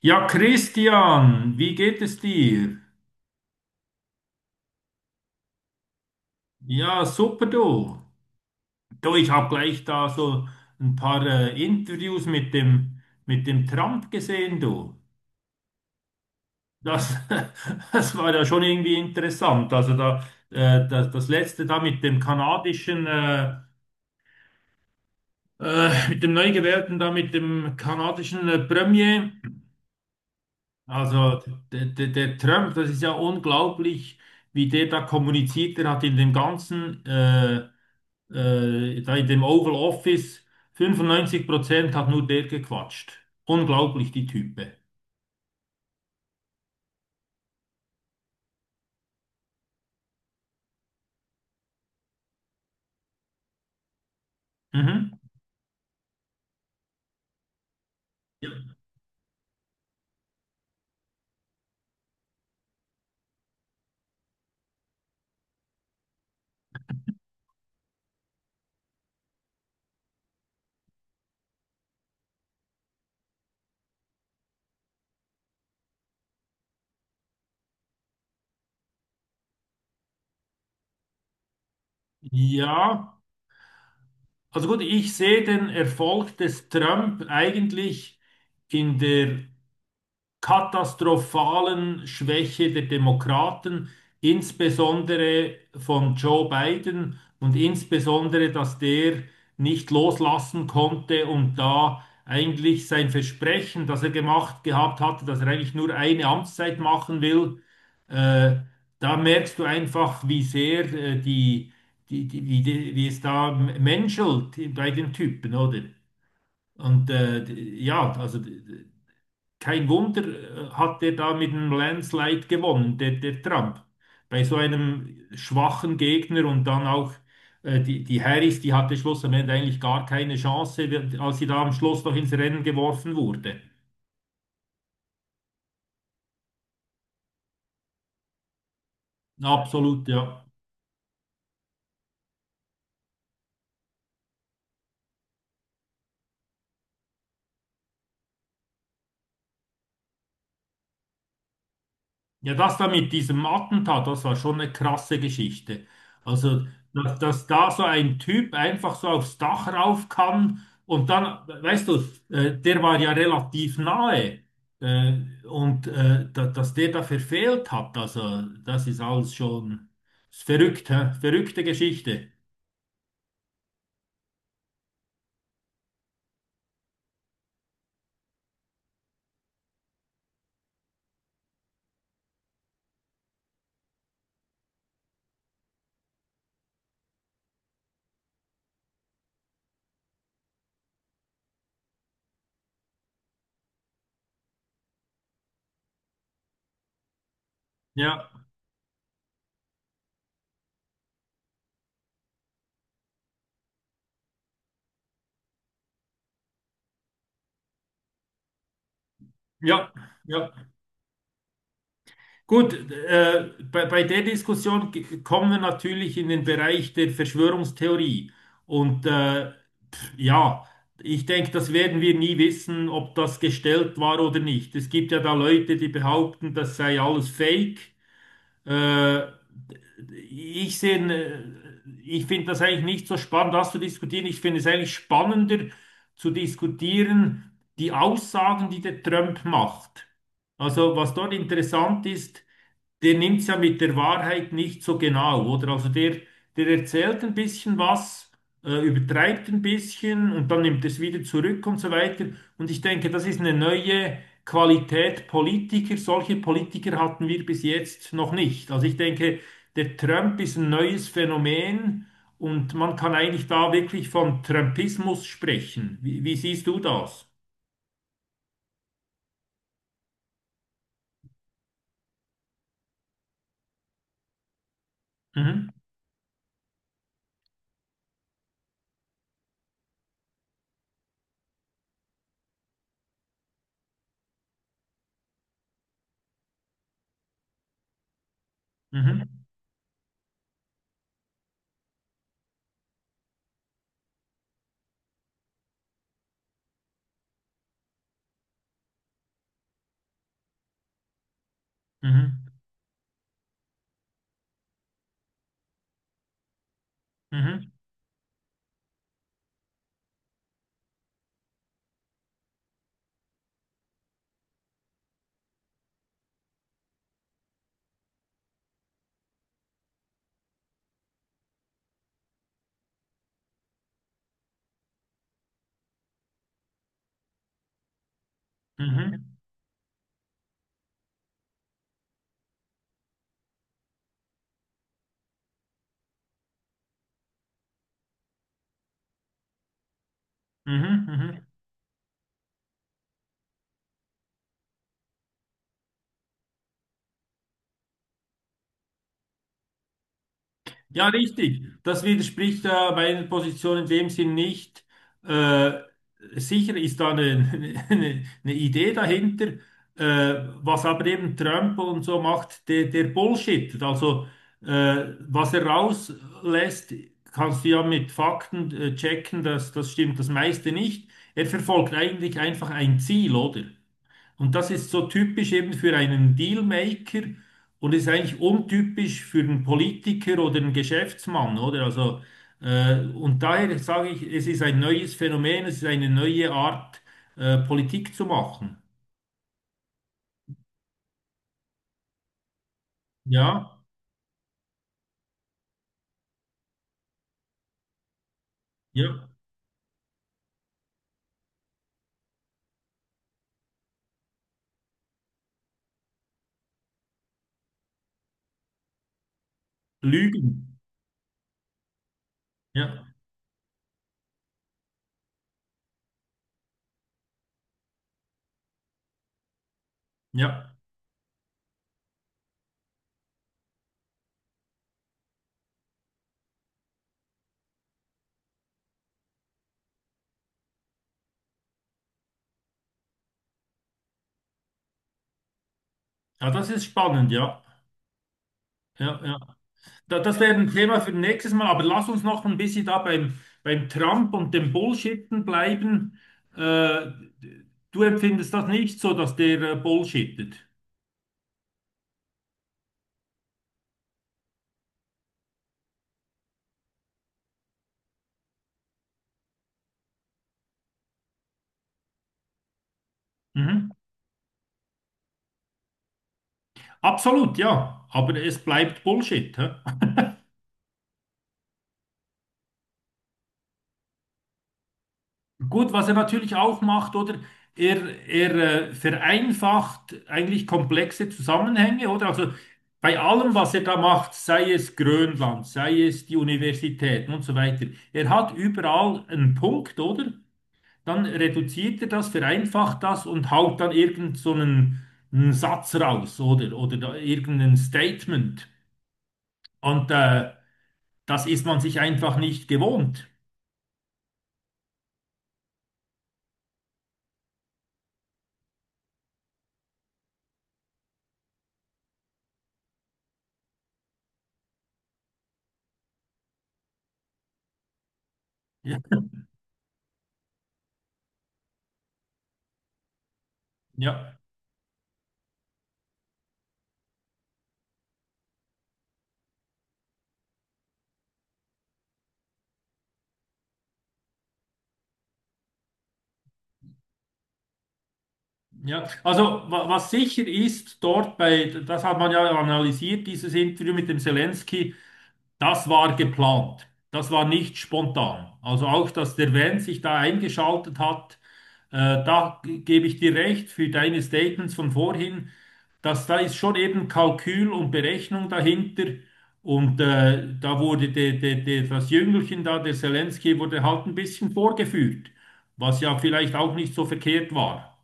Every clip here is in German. Ja, Christian, wie geht es dir? Ja, super du. Du, ich habe gleich da so ein paar Interviews mit mit dem Trump gesehen, du. Das, das war ja schon irgendwie interessant. Also da, das letzte da mit dem mit dem neu gewählten da, mit dem kanadischen Premier. Also der Trump, das ist ja unglaublich, wie der da kommuniziert. Der hat in dem da in dem Oval Office, 95% hat nur der gequatscht. Unglaublich, die Type. Mhm. Ja, also gut, ich sehe den Erfolg des Trump eigentlich in der katastrophalen Schwäche der Demokraten, insbesondere von Joe Biden und insbesondere, dass der nicht loslassen konnte und da eigentlich sein Versprechen, das er gemacht gehabt hatte, dass er eigentlich nur eine Amtszeit machen will, äh, da merkst du einfach, wie sehr wie es da menschelt bei den Typen, oder? Und ja, also kein Wunder hat der da mit einem Landslide gewonnen, der Trump. Bei so einem schwachen Gegner und dann auch die Harris, die hatte schlussendlich eigentlich gar keine Chance, als sie da am Schluss noch ins Rennen geworfen wurde. Absolut, ja. Ja, das da mit diesem Attentat, das war schon eine krasse Geschichte. Also, dass da so ein Typ einfach so aufs Dach rauf kann und dann, weißt du, der war ja relativ nahe äh, und dass der da verfehlt hat, also das ist alles schon ist verrückt, hä? Verrückte Geschichte. Ja, ja, ja. Gut, bei der Diskussion kommen wir natürlich in den Bereich der Verschwörungstheorie. Und ja, ich denke, das werden wir nie wissen, ob das gestellt war oder nicht. Es gibt ja da Leute, die behaupten, das sei alles Fake. Äh, ich finde das eigentlich nicht so spannend, das zu diskutieren. Ich finde es eigentlich spannender zu diskutieren, die Aussagen, die der Trump macht. Also, was dort interessant ist, der nimmt es ja mit der Wahrheit nicht so genau, oder? Der erzählt ein bisschen was, übertreibt ein bisschen und dann nimmt es wieder zurück und so weiter. Und ich denke, das ist eine neue Qualität Politiker. Solche Politiker hatten wir bis jetzt noch nicht. Also ich denke, der Trump ist ein neues Phänomen und man kann eigentlich da wirklich von Trumpismus sprechen. Wie siehst du das? Mhm. Mhm. Mhm. Mhm. Mhm. Mhm. Mhm. Mhm. Ja, richtig. Das widerspricht meiner Position in dem Sinn nicht. Äh, sicher ist da eine Idee dahinter, äh, was aber eben Trump und so macht, der Bullshit. Also was er rauslässt, kannst du ja mit Fakten checken, dass das stimmt das meiste nicht. Er verfolgt eigentlich einfach ein Ziel, oder? Und das ist so typisch eben für einen Dealmaker und ist eigentlich untypisch für einen Politiker oder einen Geschäftsmann, oder? Also, und daher sage ich, es ist ein neues Phänomen, es ist eine neue Art, Politik zu machen. Ja, ja, Lügen. Ja, ja. Ja, das ist spannend, ja. Ja, ja. Da, das wäre ein Thema für nächstes Mal, aber lass uns noch ein bisschen da beim Trump und dem Bullshitten bleiben. Äh, du empfindest das nicht so, dass der Bullshittet. Mhm. Absolut, ja, aber es bleibt Bullshit. Hä? Gut, was er natürlich auch macht, oder? Er vereinfacht eigentlich komplexe Zusammenhänge, oder? Also bei allem, was er da macht, sei es Grönland, sei es die Universitäten und so weiter, er hat überall einen Punkt, oder? Dann reduziert er das, vereinfacht das und haut dann irgend so einen, einen Satz raus oder da irgendein Statement. Und das ist man sich einfach nicht gewohnt. Ja, ja. Ja. Also wa was sicher ist dort bei, das hat man ja analysiert, dieses Interview mit dem Zelensky, das war geplant. Das war nicht spontan. Also auch, dass der Van sich da eingeschaltet hat, äh, gebe ich dir recht für deine Statements von vorhin, dass da ist schon eben Kalkül und Berechnung dahinter. Und da wurde das Jüngelchen da, der Selenskyj, wurde halt ein bisschen vorgeführt, was ja vielleicht auch nicht so verkehrt war.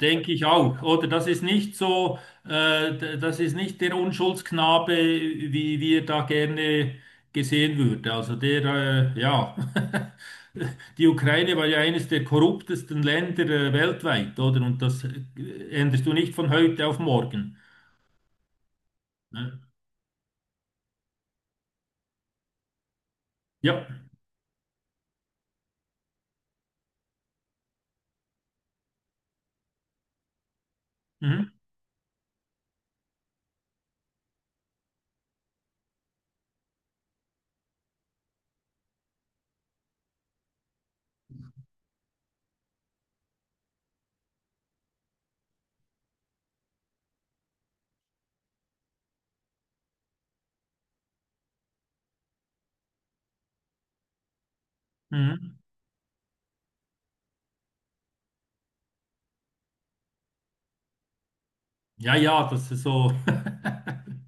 Denke ich auch, oder? Das ist nicht der Unschuldsknabe, wie wir da gerne gesehen würde. Also, ja, die Ukraine war ja eines der korruptesten Länder, weltweit, oder? Und das änderst du nicht von heute auf morgen. Ne? Ja, mhm. Mhm. Ja, ja, das ist so.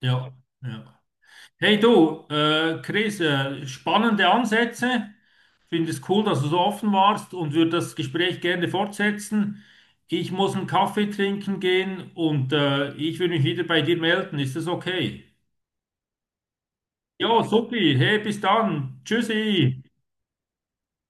Ja, ja. Hey du, Chris, spannende Ansätze. Finde es cool, dass du so offen warst und würde das Gespräch gerne fortsetzen. Ich muss einen Kaffee trinken gehen und ich will mich wieder bei dir melden. Ist das okay? Ja, supi. Hey, bis dann. Tschüssi.